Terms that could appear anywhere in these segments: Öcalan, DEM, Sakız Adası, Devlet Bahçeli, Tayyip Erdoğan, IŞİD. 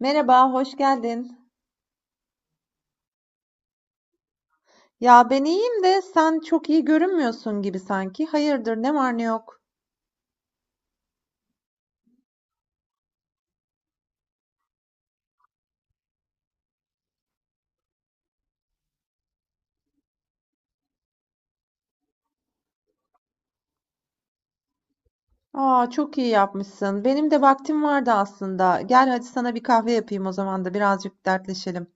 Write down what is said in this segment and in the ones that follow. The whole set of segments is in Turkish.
Merhaba, hoş geldin. Ya ben iyiyim de sen çok iyi görünmüyorsun gibi sanki. Hayırdır, ne var ne yok. Aa, çok iyi yapmışsın. Benim de vaktim vardı aslında. Gel hadi sana bir kahve yapayım o zaman da birazcık dertleşelim.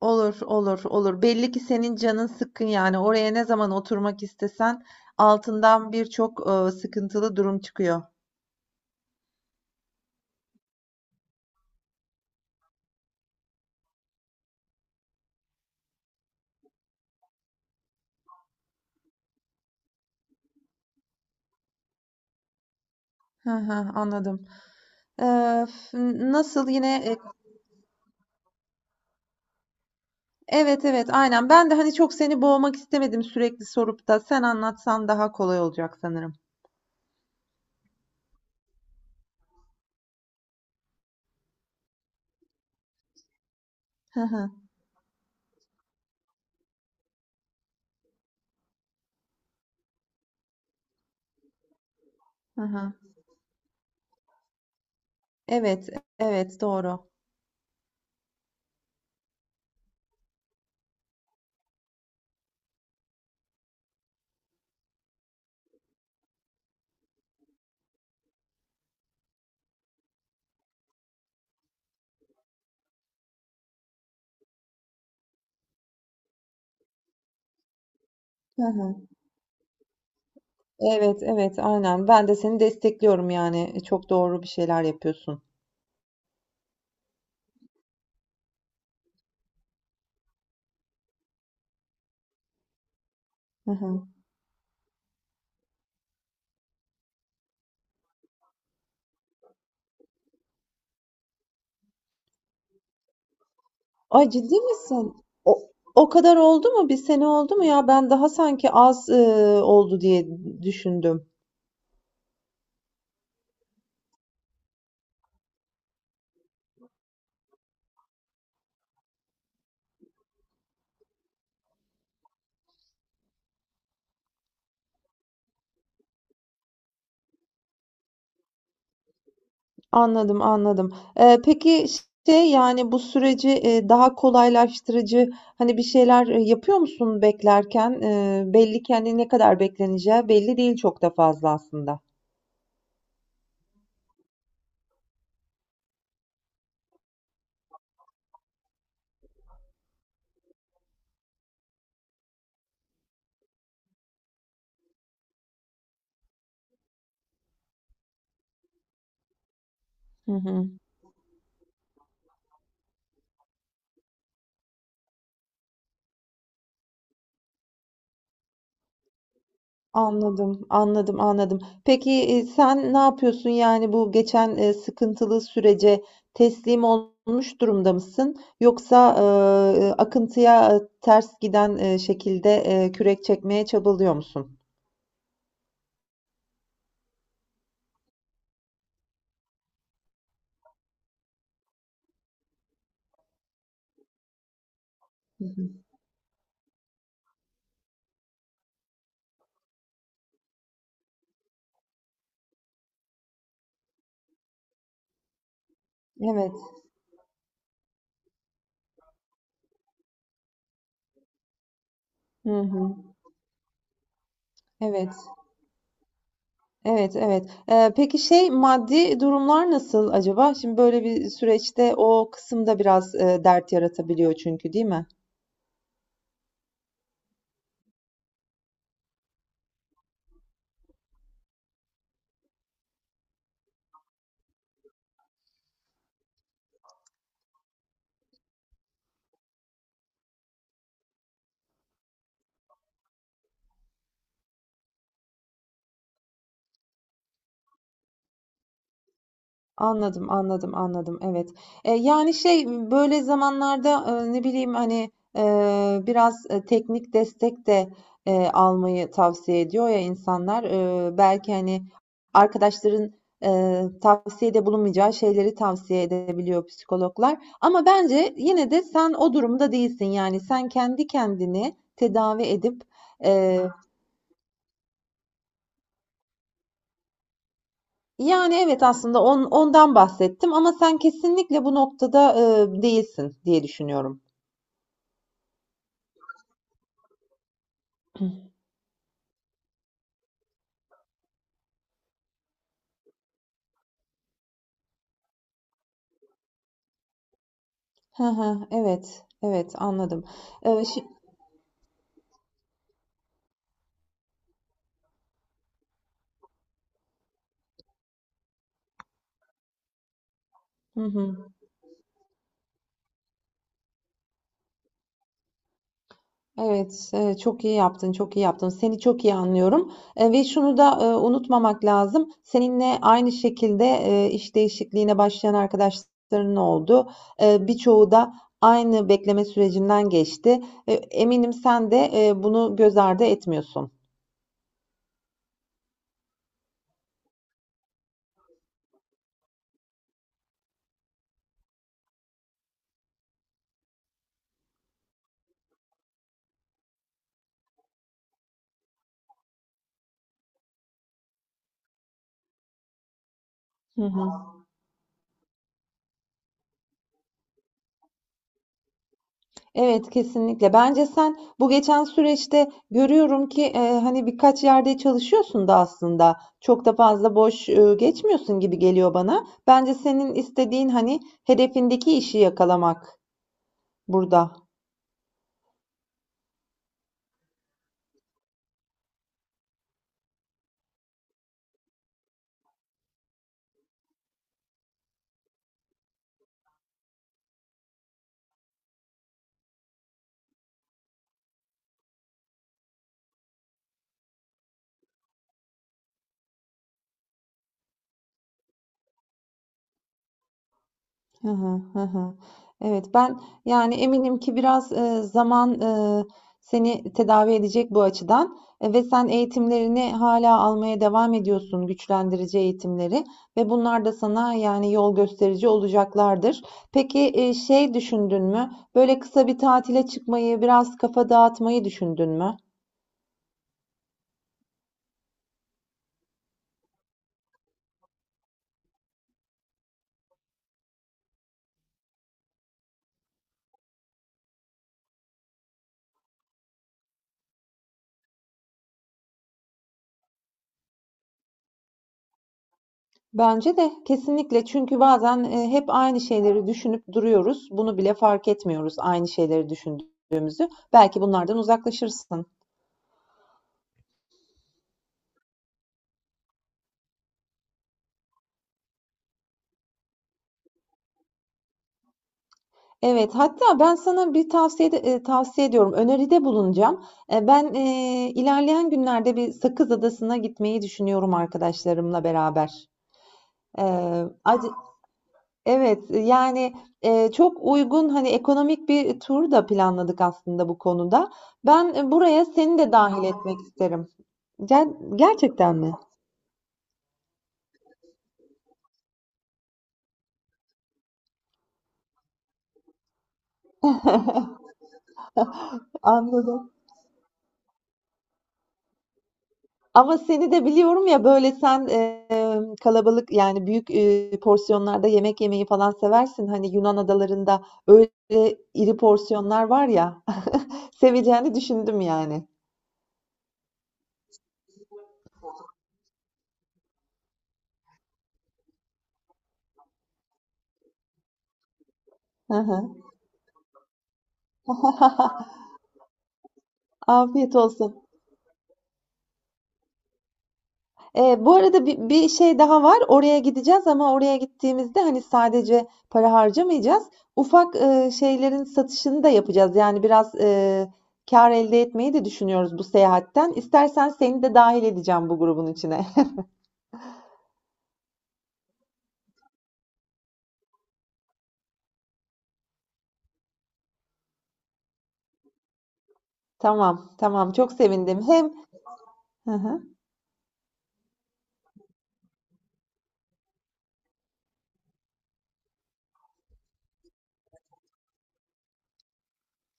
Olur, olur, olur. Belli ki senin canın sıkkın yani. Oraya ne zaman oturmak istesen altından birçok sıkıntılı durum çıkıyor. Hı hı, anladım. Ee, f- nasıl yine e, Evet, evet, aynen. Ben de, hani, çok seni boğmak istemedim sürekli sorup da. Sen anlatsan daha kolay olacak sanırım. Hı hı. Hı hı. Evet, evet, doğru. Hı hı. Evet, evet, aynen. Ben de seni destekliyorum, yani, çok doğru bir şeyler yapıyorsun. Hı hı. Ay, ciddi misin? O o kadar oldu mu? Bir sene oldu mu ya? Ben daha sanki az, oldu diye düşündüm. Anladım, anladım. Peki, şey, yani, bu süreci, daha kolaylaştırıcı, hani, bir şeyler, yapıyor musun beklerken? Belli ki, hani, ne kadar bekleneceği belli değil çok da fazla aslında. Hı hı. Anladım, anladım, anladım. Peki, sen ne yapıyorsun? Yani bu geçen, sıkıntılı sürece teslim olmuş durumda mısın? Yoksa, akıntıya, ters giden, şekilde, kürek çekmeye çabalıyor musun? Hı hı. Evet. Hı hı. Evet. Evet, evet. Peki şey, maddi durumlar nasıl acaba? Şimdi böyle bir süreçte o kısımda biraz, dert yaratabiliyor çünkü, değil mi? Anladım, anladım, anladım. Evet. Yani, şey, böyle zamanlarda, ne bileyim, hani, biraz, teknik destek de, almayı tavsiye ediyor ya insanlar. Belki, hani, arkadaşların, tavsiyede bulunmayacağı şeyleri tavsiye edebiliyor psikologlar. Ama bence yine de sen o durumda değilsin. Yani, sen kendi kendini tedavi edip, eee, Yani, evet, aslında ondan bahsettim ama sen kesinlikle bu noktada, değilsin diye düşünüyorum. Hı hı. Evet, evet, anladım. Şi Hı hı. Evet, evet, çok iyi yaptın, çok iyi yaptın. Seni çok iyi anlıyorum, ve şunu da, unutmamak lazım. Seninle aynı şekilde, iş değişikliğine başlayan arkadaşların oldu. Birçoğu da aynı bekleme sürecinden geçti. Eminim sen de, bunu göz ardı etmiyorsun. Hı hı. Evet, kesinlikle. Bence sen bu geçen süreçte görüyorum ki, hani, birkaç yerde çalışıyorsun da aslında. Çok da fazla boş, geçmiyorsun gibi geliyor bana. Bence senin istediğin, hani, hedefindeki işi yakalamak burada. Hı hı, hı hı. Evet, ben yani eminim ki biraz zaman seni tedavi edecek bu açıdan ve sen eğitimlerini hala almaya devam ediyorsun, güçlendirici eğitimleri ve bunlar da sana yani yol gösterici olacaklardır. Peki şey düşündün mü? Böyle kısa bir tatile çıkmayı, biraz kafa dağıtmayı düşündün mü? Bence de kesinlikle çünkü bazen, hep aynı şeyleri düşünüp duruyoruz. Bunu bile fark etmiyoruz aynı şeyleri düşündüğümüzü. Belki bunlardan uzaklaşırsın. Evet, hatta ben sana bir tavsiyede, tavsiye ediyorum, öneride bulunacağım. Ben, ilerleyen günlerde bir Sakız Adası'na gitmeyi düşünüyorum arkadaşlarımla beraber. Ac Evet, yani, çok uygun, hani, ekonomik bir tur da planladık aslında bu konuda. Ben, buraya seni de dahil etmek isterim. Ger gerçekten mi? Anladım. Ama seni de biliyorum ya, böyle, sen, kalabalık, yani, büyük, porsiyonlarda yemek yemeyi falan seversin. Hani, Yunan adalarında öyle iri porsiyonlar var ya, seveceğini düşündüm yani. Hı hı. Afiyet olsun. Bu arada bir şey daha var. Oraya gideceğiz ama oraya gittiğimizde, hani, sadece para harcamayacağız. Ufak, şeylerin satışını da yapacağız. Yani biraz, kâr elde etmeyi de düşünüyoruz bu seyahatten. İstersen seni de dahil edeceğim bu grubun içine. Tamam, tamam. Çok sevindim. Hem Hı hı.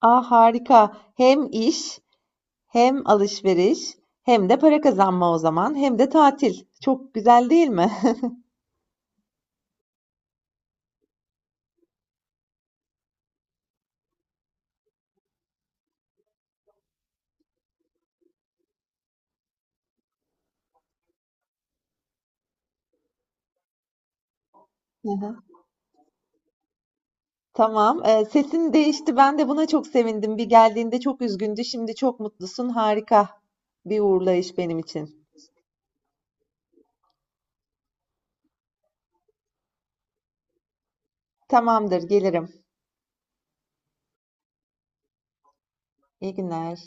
A, harika. Hem iş, hem alışveriş, hem de para kazanma o zaman, hem de tatil. Çok güzel değil mi? Hı hı. Tamam. Sesin değişti. Ben de buna çok sevindim. Bir geldiğinde çok üzgündü. Şimdi çok mutlusun. Harika bir uğurlayış benim için. Tamamdır, gelirim. İyi günler.